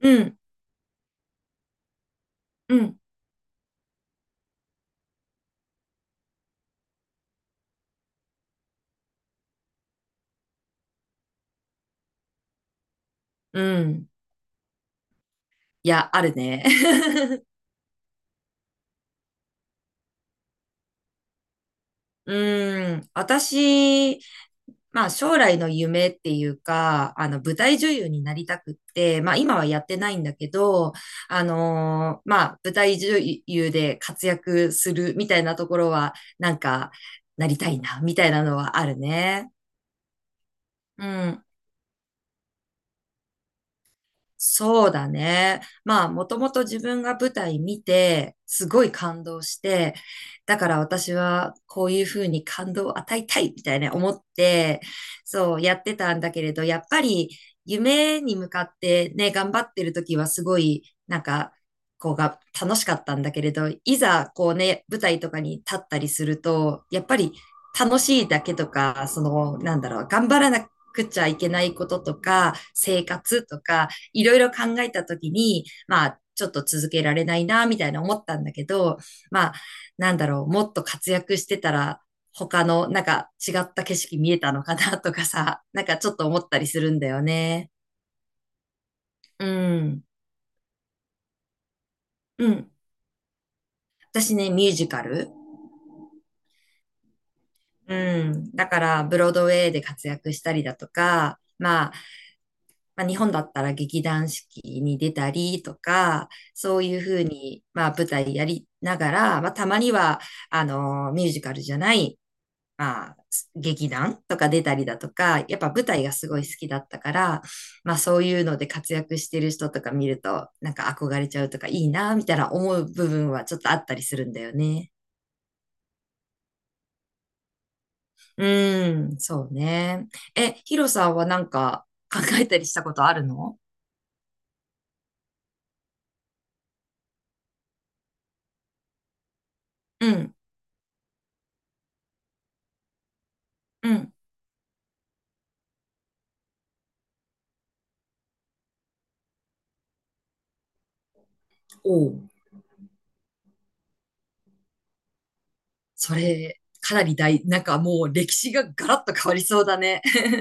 うん、うん、うん。いや、あるね。うん。私、まあ将来の夢っていうか、舞台女優になりたくって、まあ今はやってないんだけど、まあ舞台女優で活躍するみたいなところは、なりたいな、みたいなのはあるね。うん。そうだね。まあ、もともと自分が舞台見て、すごい感動して、だから私はこういうふうに感動を与えたいみたいな思って、そうやってたんだけれど、やっぱり夢に向かってね、頑張ってる時はすごい、こうが楽しかったんだけれど、いざこうね、舞台とかに立ったりすると、やっぱり楽しいだけとか、その、なんだろう、頑張らなくちゃいけないこととか、生活とか、いろいろ考えたときに、まあ、ちょっと続けられないな、みたいな思ったんだけど、まあ、なんだろう、もっと活躍してたら、他の、なんか違った景色見えたのかなとかさ、なんかちょっと思ったりするんだよね。うん。うん。私ね、ミュージカル。うん。だから、ブロードウェイで活躍したりだとか、まあ、まあ、日本だったら劇団四季に出たりとか、そういうふうに、まあ、舞台やりながら、まあ、たまには、ミュージカルじゃない、まあ、劇団とか出たりだとか、やっぱ舞台がすごい好きだったから、まあ、そういうので活躍してる人とか見ると、なんか憧れちゃうとか、いいな、みたいな思う部分はちょっとあったりするんだよね。うん、そうね。え、ヒロさんはなんか考えたりしたことあるの？うん、うん。おう。それ、かなり大、なんかもう歴史がガラッと変わりそうだね。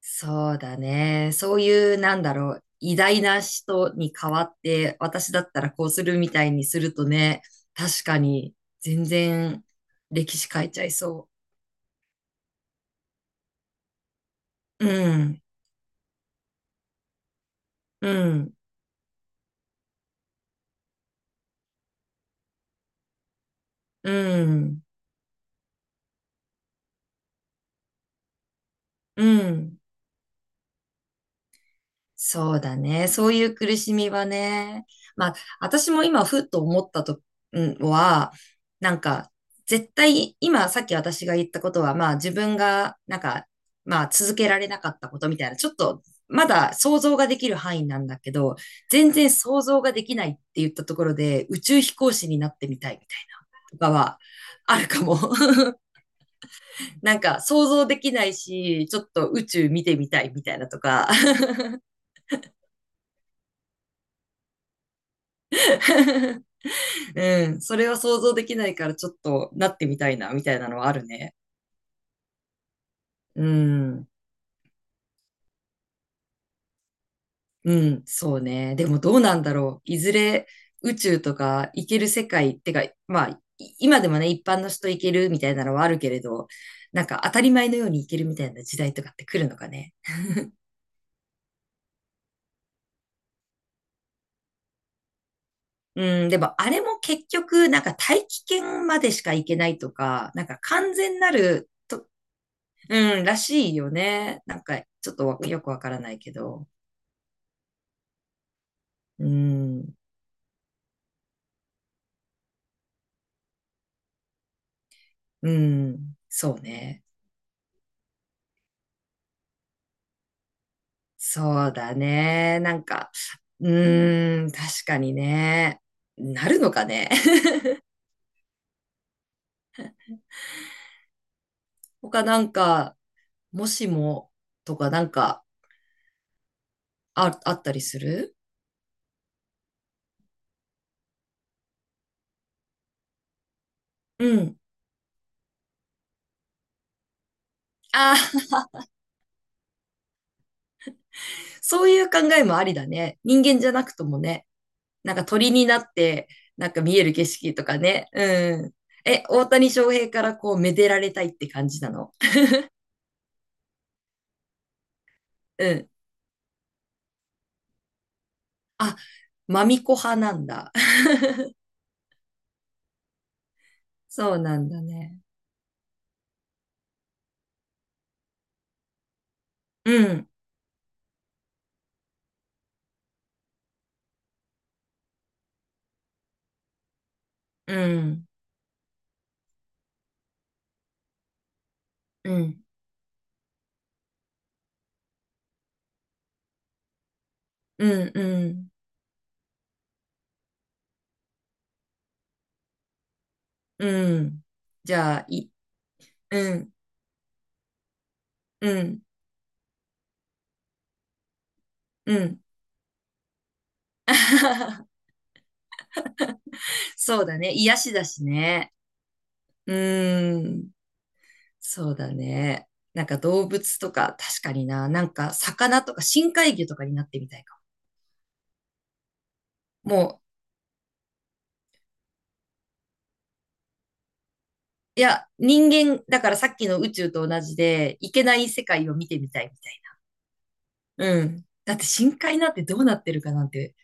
そうだね。そういう、なんだろう、偉大な人に代わって、私だったらこうするみたいにするとね、確かに、全然、歴史変えちゃいそう。うん、うん、うん、うん。そうだね。そういう苦しみはね。まあ、私も今、ふっと思ったと、うんは、なんか、絶対、今、さっき私が言ったことは、まあ、自分が、なんか、まあ、続けられなかったことみたいな、ちょっと、まだ想像ができる範囲なんだけど、全然想像ができないって言ったところで、宇宙飛行士になってみたいみたいな、とかは、あるかも。なんか、想像できないし、ちょっと宇宙見てみたいみたいなとか。うん。それは想像できないからちょっとなってみたいな、みたいなのはあるね。うん。うん。そうね。でもどうなんだろう。いずれ宇宙とか行ける世界ってか、まあ、い今でもね、一般の人行けるみたいなのはあるけれど、なんか当たり前のように行けるみたいな時代とかって来るのかね。うん、でもあれも結局、なんか大気圏までしか行けないとか、なんか完全なると、うん、らしいよね。なんかちょっとわよくわからないけど。うん。うん、そうね。そうだね。なんか、うーん、確かにね。なるのかね。他なんか、もしもとかなんかあ、あったりする？うん。ああ、そういう考えもありだね。人間じゃなくともね。なんか鳥になって、なんか見える景色とかね。うん。え、大谷翔平からこう、めでられたいって感じなの？うん。あ、マミコ派なんだ。そうなんだね。うん。うん、うん、うん、うん、うん。じゃあ、い、うん、うん、うん。そうだね。癒しだしね。うーん、そうだね。なんか動物とか、確かにな。なんか魚とか深海魚とかになってみたいかも。もう、いや、人間、だからさっきの宇宙と同じで、いけない世界を見てみたいみたい。うん。だって深海なんてどうなってるかなんて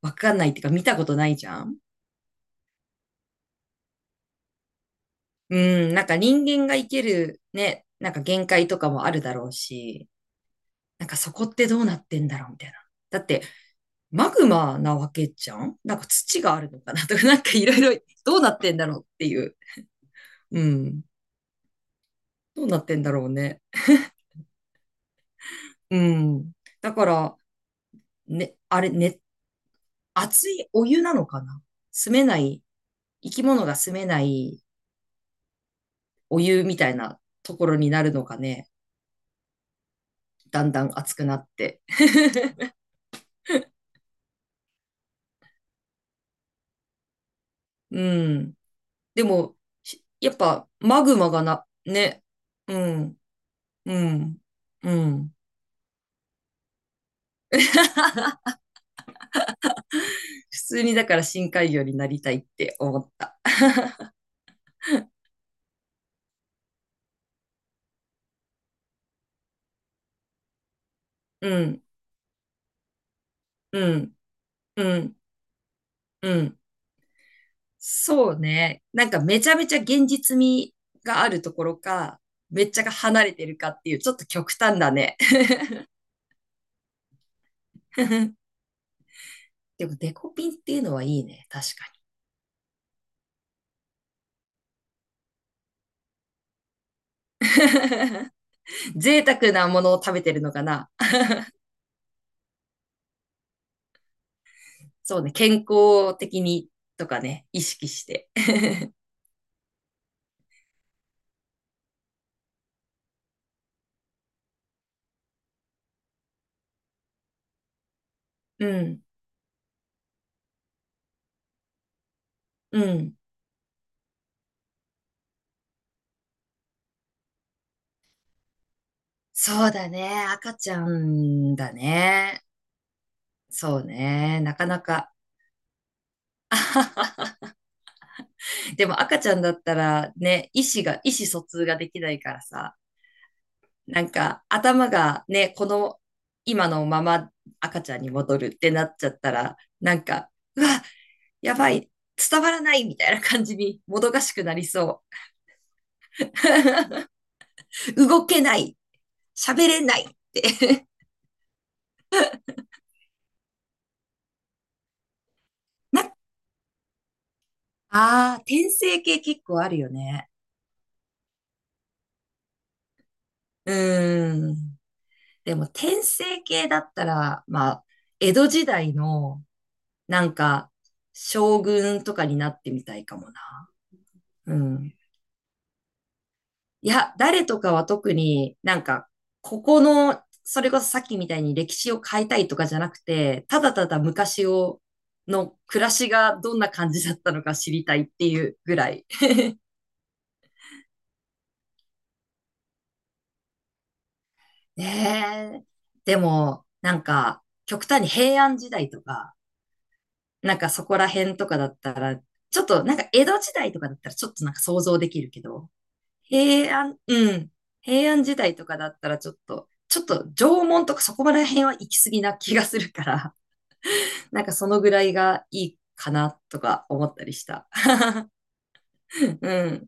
わかんないっていうか見たことないじゃん。うん、なんか人間が生きるね、なんか限界とかもあるだろうし、なんかそこってどうなってんだろうみたいな。だって、マグマなわけじゃんなんか土があるのかな とか、なんかいろいろどうなってんだろうっていう。うん。どうなってんだろうね。うん。だから、ね、あれね、熱いお湯なのかな、住めない、生き物が住めないお湯みたいなところになるのかね。だんだん熱くなって。うん。でも、しやっぱ、マグマがな、ね。うん、うん、うん。普通にだから深海魚になりたいって思った。うん、うん、うん、うん。そうね。なんかめちゃめちゃ現実味があるところか、めっちゃが離れてるかっていう、ちょっと極端だね。でもデコピンっていうのはいいね。確かに。贅沢なものを食べてるのかな。そうね。健康的にとかね、意識して。うん、うん。そうだね。赤ちゃんだね。そうね。なかなか。でも赤ちゃんだったらね、意思が、意思疎通ができないからさ、なんか頭がね、この今のまま赤ちゃんに戻るってなっちゃったら、なんか、うわ、やばい、伝わらないみたいな感じにもどかしくなりそう。動けない、喋れないって な、ああ、転生系結構あるよね。うーん。でも、転生系だったら、まあ、江戸時代の、なんか、将軍とかになってみたいかもな。うん。いや、誰とかは特になんか、ここの、それこそさっきみたいに歴史を変えたいとかじゃなくて、ただただ昔を、の暮らしがどんな感じだったのか知りたいっていうぐらい。ええ、でも、なんか、極端に平安時代とか、なんかそこら辺とかだったら、ちょっとなんか江戸時代とかだったらちょっとなんか想像できるけど、平安、うん、平安時代とかだったらちょっと、ちょっと縄文とかそこら辺は行き過ぎな気がするから、なんかそのぐらいがいいかなとか思ったりした。うん、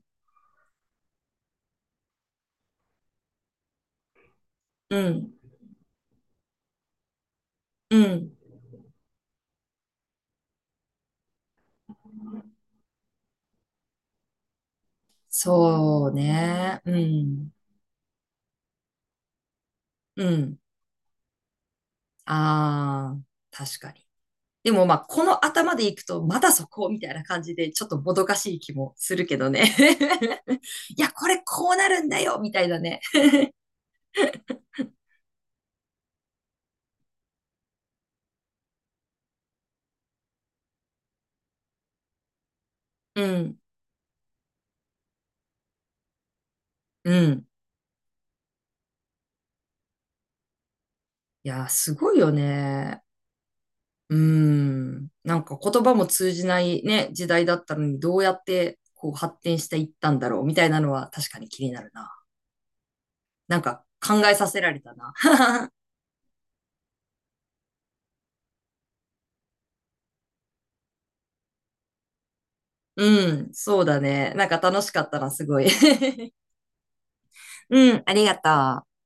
うん、うん。そうね。うん、うん。ああ、確かに。でもまあ、この頭でいくと、まだそこみたいな感じで、ちょっともどかしい気もするけどね。いや、これこうなるんだよみたいなね。うん、うん。いや、すごいよね。うん。なんか言葉も通じないね、時代だったのに、どうやってこう発展していったんだろうみたいなのは確かに気になるな。なんか考えさせられたな。うん、そうだね。なんか楽しかったな、すごい。うん、ありがとう。